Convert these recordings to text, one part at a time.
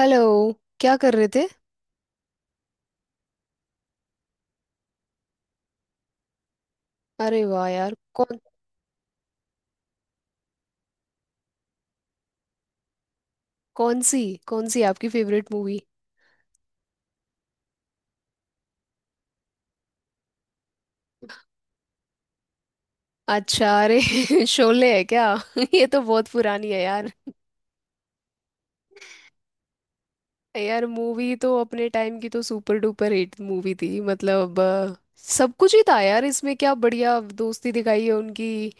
Hello. क्या कर रहे थे? अरे वाह यार, कौन? कौन सी कौन सी आपकी फेवरेट मूवी? अच्छा, अरे शोले है क्या? ये तो बहुत पुरानी है यार। यार, मूवी तो अपने टाइम की तो सुपर डुपर हिट मूवी थी, मतलब सब कुछ ही था यार इसमें। क्या बढ़िया दोस्ती दिखाई है उनकी।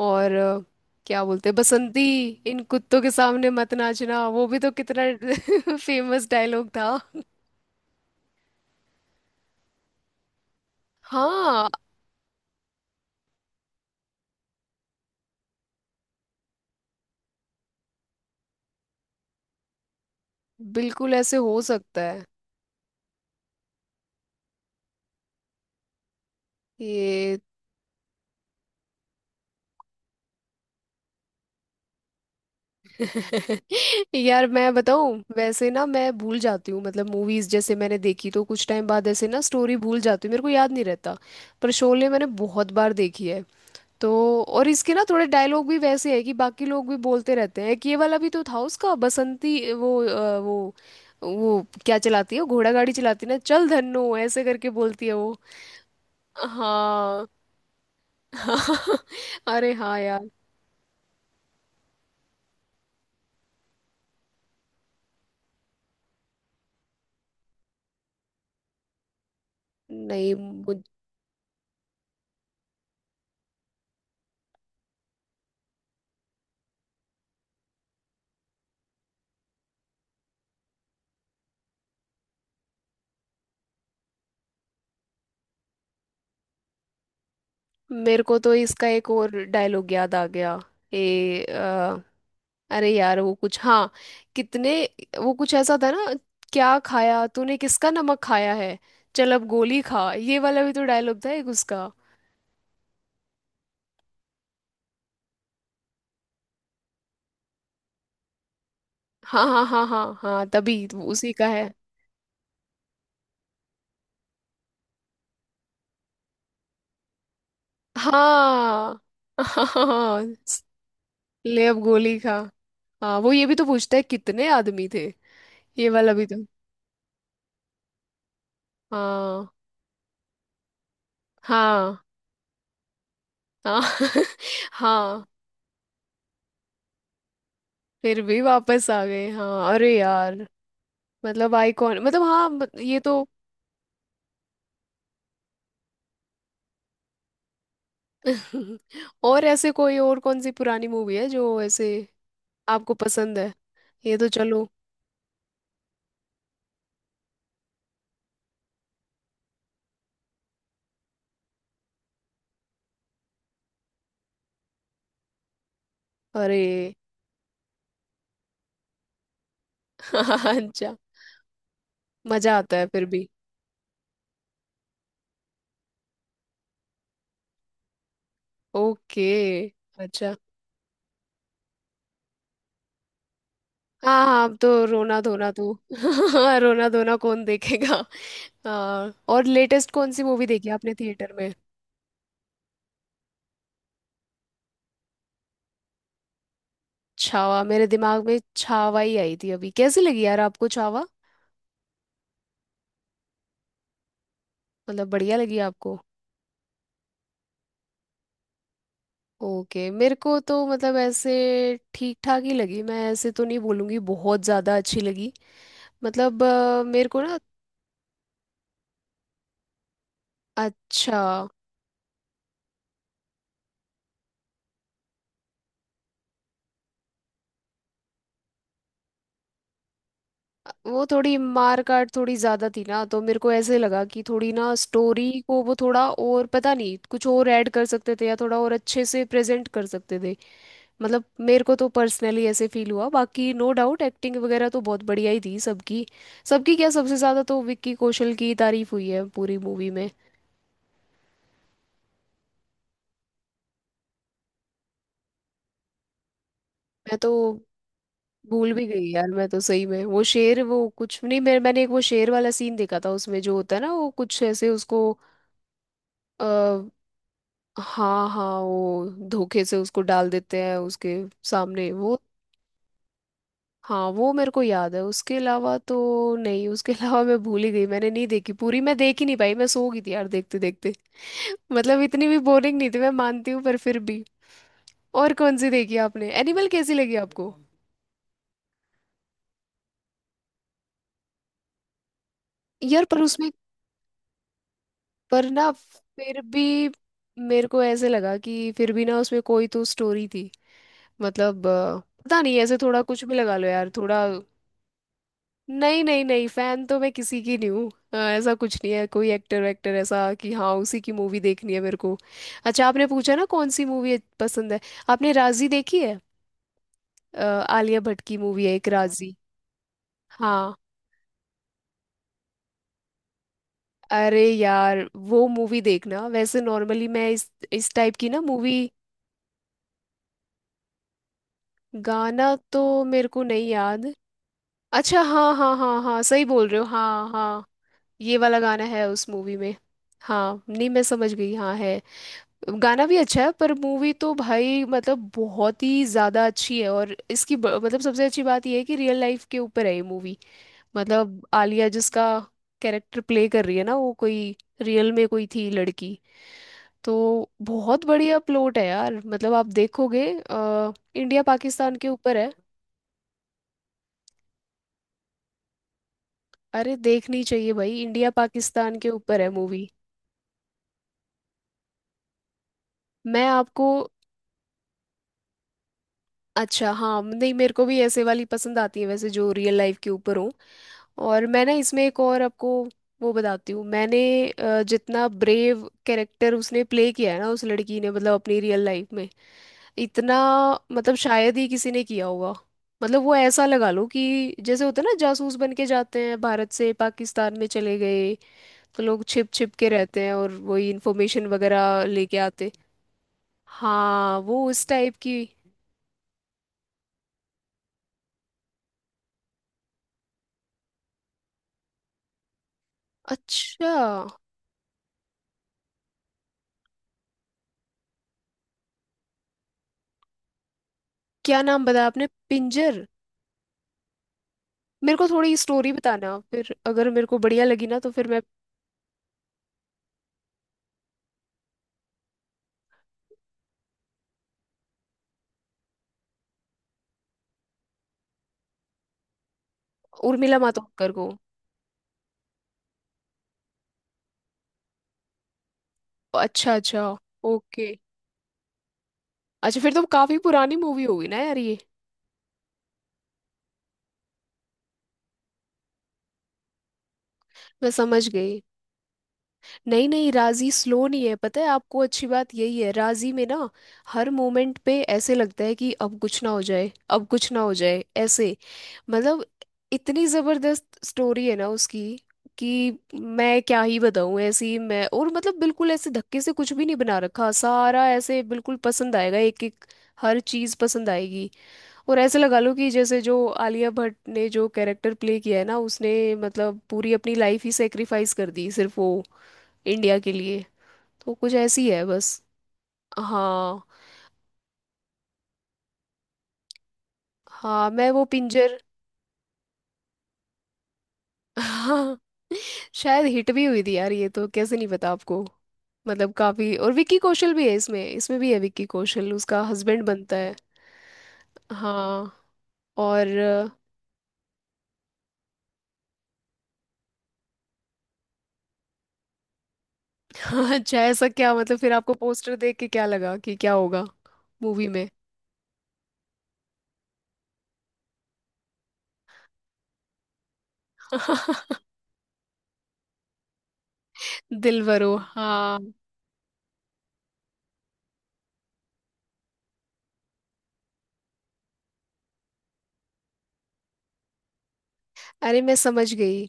और क्या बोलते हैं, बसंती। इन कुत्तों के सामने मत नाचना, वो भी तो कितना फेमस डायलॉग था। हाँ, बिल्कुल ऐसे हो सकता है ये। यार, मैं बताऊं वैसे ना, मैं भूल जाती हूँ, मतलब मूवीज जैसे मैंने देखी तो कुछ टाइम बाद ऐसे ना स्टोरी भूल जाती हूँ, मेरे को याद नहीं रहता। पर शोले मैंने बहुत बार देखी है, तो और इसके ना थोड़े डायलॉग भी वैसे है कि बाकी लोग भी बोलते रहते हैं कि ये वाला भी तो था उसका। बसंती वो क्या चलाती है, वो घोड़ा गाड़ी चलाती है ना, चल धन्नो ऐसे करके बोलती है वो। हाँ, हाँ। अरे हाँ यार। नहीं, मेरे को तो इसका एक और डायलॉग याद आ गया। ए अरे यार, वो कुछ, हाँ, कितने, वो कुछ ऐसा था ना, क्या खाया तूने, किसका नमक खाया है, चल अब गोली खा। ये वाला भी तो डायलॉग था एक उसका। हाँ, हाँ, हाँ, हाँ, हाँ, तभी तो उसी का है। हाँ, हाँ, ले अब गोली खा। हाँ, वो ये भी तो पूछता है कितने आदमी थे, ये वाला भी तो। हाँ, हाँ, हाँ, हाँ, फिर भी वापस आ गए, हाँ, अरे यार, मतलब आइकॉन, मतलब हाँ, ये तो और ऐसे कोई और कौन सी पुरानी मूवी है जो ऐसे आपको पसंद है? ये तो चलो। अरे, अच्छा, मजा आता है फिर भी। ओके। अच्छा, हाँ, हाँ, अब तो रोना धोना तो रोना धोना कौन देखेगा। हाँ, और लेटेस्ट कौन सी मूवी देखी आपने थिएटर में? छावा, मेरे दिमाग में छावा ही आई थी अभी। कैसी लगी यार आपको छावा? मतलब बढ़िया लगी आपको? ओके। मेरे को तो मतलब ऐसे ठीक ठाक ही लगी, मैं ऐसे तो नहीं बोलूँगी बहुत ज़्यादा अच्छी लगी। मतलब मेरे को ना अच्छा। वो थोड़ी मार काट थोड़ी ज़्यादा थी ना, तो मेरे को ऐसे लगा कि थोड़ी ना स्टोरी को वो थोड़ा और पता नहीं कुछ और ऐड कर सकते थे, या थोड़ा और अच्छे से प्रेजेंट कर सकते थे। मतलब मेरे को तो पर्सनली ऐसे फील हुआ, बाकी नो डाउट एक्टिंग वगैरह तो बहुत बढ़िया ही थी सबकी। सबकी क्या, सबसे ज़्यादा तो विक्की कौशल की तारीफ हुई है पूरी मूवी में। मैं तो भूल भी गई यार, मैं तो सही में वो शेर वो कुछ नहीं, मैंने एक वो शेर वाला सीन देखा था, उसमें जो होता है ना वो कुछ ऐसे उसको आ, हाँ, हाँ, वो धोखे से उसको डाल देते हैं उसके सामने वो। हाँ, वो मेरे को याद है उसके अलावा तो। नहीं, उसके अलावा मैं भूल ही गई, मैंने नहीं देखी पूरी, मैं देख ही नहीं पाई, मैं सो गई थी यार देखते देखते। मतलब इतनी भी बोरिंग नहीं थी, मैं मानती हूँ, पर फिर भी। और कौन सी देखी आपने? एनिमल कैसी लगी आपको? यार पर उसमें, पर ना, फिर भी मेरे को ऐसे लगा कि फिर भी ना उसमें कोई तो स्टोरी थी। मतलब पता नहीं, ऐसे थोड़ा कुछ भी लगा लो यार थोड़ा। नहीं, नहीं, नहीं, फैन तो मैं किसी की नहीं हूँ, ऐसा कुछ नहीं है कोई एक्टर वेक्टर, ऐसा कि हाँ उसी की मूवी देखनी है मेरे को। अच्छा, आपने पूछा ना कौन सी मूवी पसंद है? आपने राजी देखी है? आलिया भट्ट की मूवी है एक राजी। हाँ, अरे यार वो मूवी देखना वैसे, नॉर्मली मैं इस टाइप की ना मूवी। गाना तो मेरे को नहीं याद। अच्छा, हाँ, हाँ, हाँ, हाँ, सही बोल रहे हो, हाँ, हाँ। ये वाला गाना है उस मूवी में? हाँ, नहीं, मैं समझ गई, हाँ है। गाना भी अच्छा है, पर मूवी तो भाई, मतलब बहुत ही ज़्यादा अच्छी है। और इसकी मतलब सबसे अच्छी बात यह है कि रियल लाइफ के ऊपर है ये मूवी। मतलब आलिया जिसका कैरेक्टर प्ले कर रही है ना, वो कोई रियल में कोई थी लड़की। तो बहुत बढ़िया प्लॉट है यार, मतलब आप देखोगे इंडिया पाकिस्तान के ऊपर है। अरे, देखनी चाहिए भाई, इंडिया पाकिस्तान के ऊपर है मूवी। मैं आपको... अच्छा, हाँ, नहीं, मेरे को भी ऐसे वाली पसंद आती है वैसे जो रियल लाइफ के ऊपर हो। और मैं ना इसमें एक और आपको वो बताती हूँ। मैंने जितना ब्रेव कैरेक्टर उसने प्ले किया है ना उस लड़की ने, मतलब अपनी रियल लाइफ में, इतना मतलब शायद ही किसी ने किया होगा। मतलब वो ऐसा लगा लो कि जैसे होता है ना जासूस बन के जाते हैं, भारत से पाकिस्तान में चले गए, तो लोग छिप छिप के रहते हैं और वही इंफॉर्मेशन वगैरह लेके आते। हाँ, वो उस टाइप की। अच्छा, क्या नाम बताया आपने? पिंजर? मेरे को थोड़ी स्टोरी बताना फिर, अगर मेरे को बढ़िया लगी ना तो फिर मैं। उर्मिला मातोंडकर को? अच्छा, अच्छा, ओके। अच्छा, फिर तो काफी पुरानी मूवी होगी ना यार ये। मैं समझ गई। नहीं, नहीं, राजी स्लो नहीं है, पता है आपको अच्छी बात यही है राजी में ना, हर मोमेंट पे ऐसे लगता है कि अब कुछ ना हो जाए, अब कुछ ना हो जाए ऐसे, मतलब इतनी जबरदस्त स्टोरी है ना उसकी कि मैं क्या ही बताऊं ऐसी मैं। और मतलब बिल्कुल ऐसे धक्के से कुछ भी नहीं बना रखा, सारा ऐसे बिल्कुल पसंद आएगा एक एक हर चीज पसंद आएगी। और ऐसे लगा लो कि जैसे जो आलिया भट्ट ने जो कैरेक्टर प्ले किया है ना उसने, मतलब पूरी अपनी लाइफ ही सेक्रीफाइस कर दी सिर्फ वो इंडिया के लिए। तो कुछ ऐसी है बस। हाँ। हाँ, मैं वो पिंजर। हाँ, शायद हिट भी हुई थी यार ये, तो कैसे नहीं पता आपको? मतलब काफी। और विक्की कौशल भी है इसमें। इसमें भी है विक्की कौशल, उसका हस्बैंड बनता है। हाँ। और अच्छा, ऐसा क्या मतलब, फिर आपको पोस्टर देख के क्या लगा कि क्या होगा मूवी में? दिलवरो, हाँ। अरे, मैं समझ गई।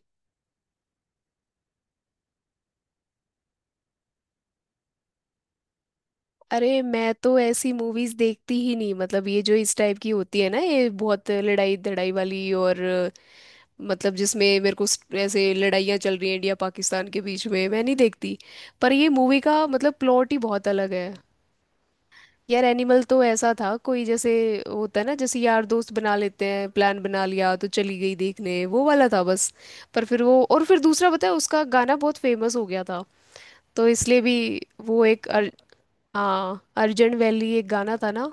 अरे, मैं तो ऐसी मूवीज देखती ही नहीं, मतलब ये जो इस टाइप की होती है ना, ये बहुत लड़ाई धड़ाई वाली, और मतलब जिसमें मेरे को ऐसे लड़ाइयाँ चल रही हैं इंडिया पाकिस्तान के बीच में, मैं नहीं देखती। पर ये मूवी का मतलब प्लॉट ही बहुत अलग है। यार एनिमल तो ऐसा था, कोई जैसे होता है ना, जैसे यार दोस्त बना लेते हैं प्लान बना लिया तो चली गई देखने, वो वाला था बस। पर फिर वो और फिर दूसरा पता है उसका गाना बहुत फेमस हो गया था, तो इसलिए भी वो एक, हाँ अर्जेंट वैली एक गाना था ना,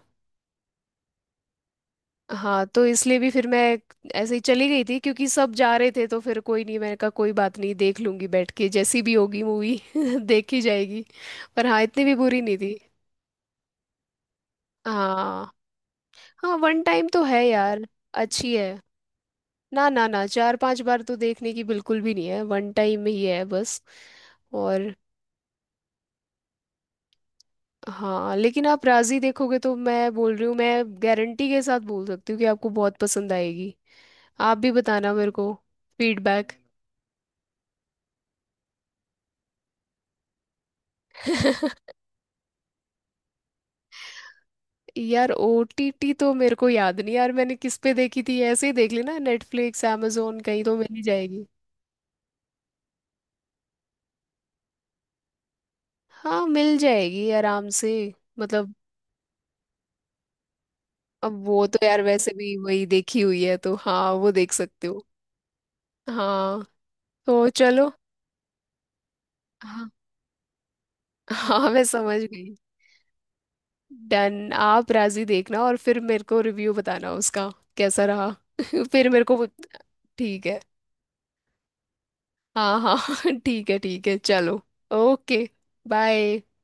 हाँ तो इसलिए भी फिर मैं ऐसे ही चली गई थी क्योंकि सब जा रहे थे, तो फिर कोई नहीं, मैंने कहा कोई बात नहीं देख लूंगी बैठ के, जैसी भी होगी मूवी देखी जाएगी। पर हाँ, इतनी भी बुरी नहीं थी। हाँ, हाँ, वन टाइम तो है यार। अच्छी है। ना, ना, ना, चार पांच बार तो देखने की बिल्कुल भी नहीं है, वन टाइम ही है बस। और हाँ, लेकिन आप राजी देखोगे तो मैं बोल रही हूँ, मैं गारंटी के साथ बोल सकती हूँ कि आपको बहुत पसंद आएगी। आप भी बताना मेरे को फीडबैक। यार ओटीटी तो मेरे को याद नहीं यार, मैंने किस पे देखी थी ऐसे ही देख ली ना, नेटफ्लिक्स, amazon, कहीं तो मिल ही जाएगी। हाँ, मिल जाएगी आराम से मतलब। अब वो तो यार वैसे भी वही देखी हुई है, तो हाँ वो देख सकते हो। हाँ, तो चलो। हाँ, हाँ, मैं समझ गई। डन, आप राजी देखना और फिर मेरे को रिव्यू बताना उसका कैसा रहा। फिर मेरे को ठीक है। हाँ, हाँ, ठीक है, ठीक है, चलो, ओके, बाय।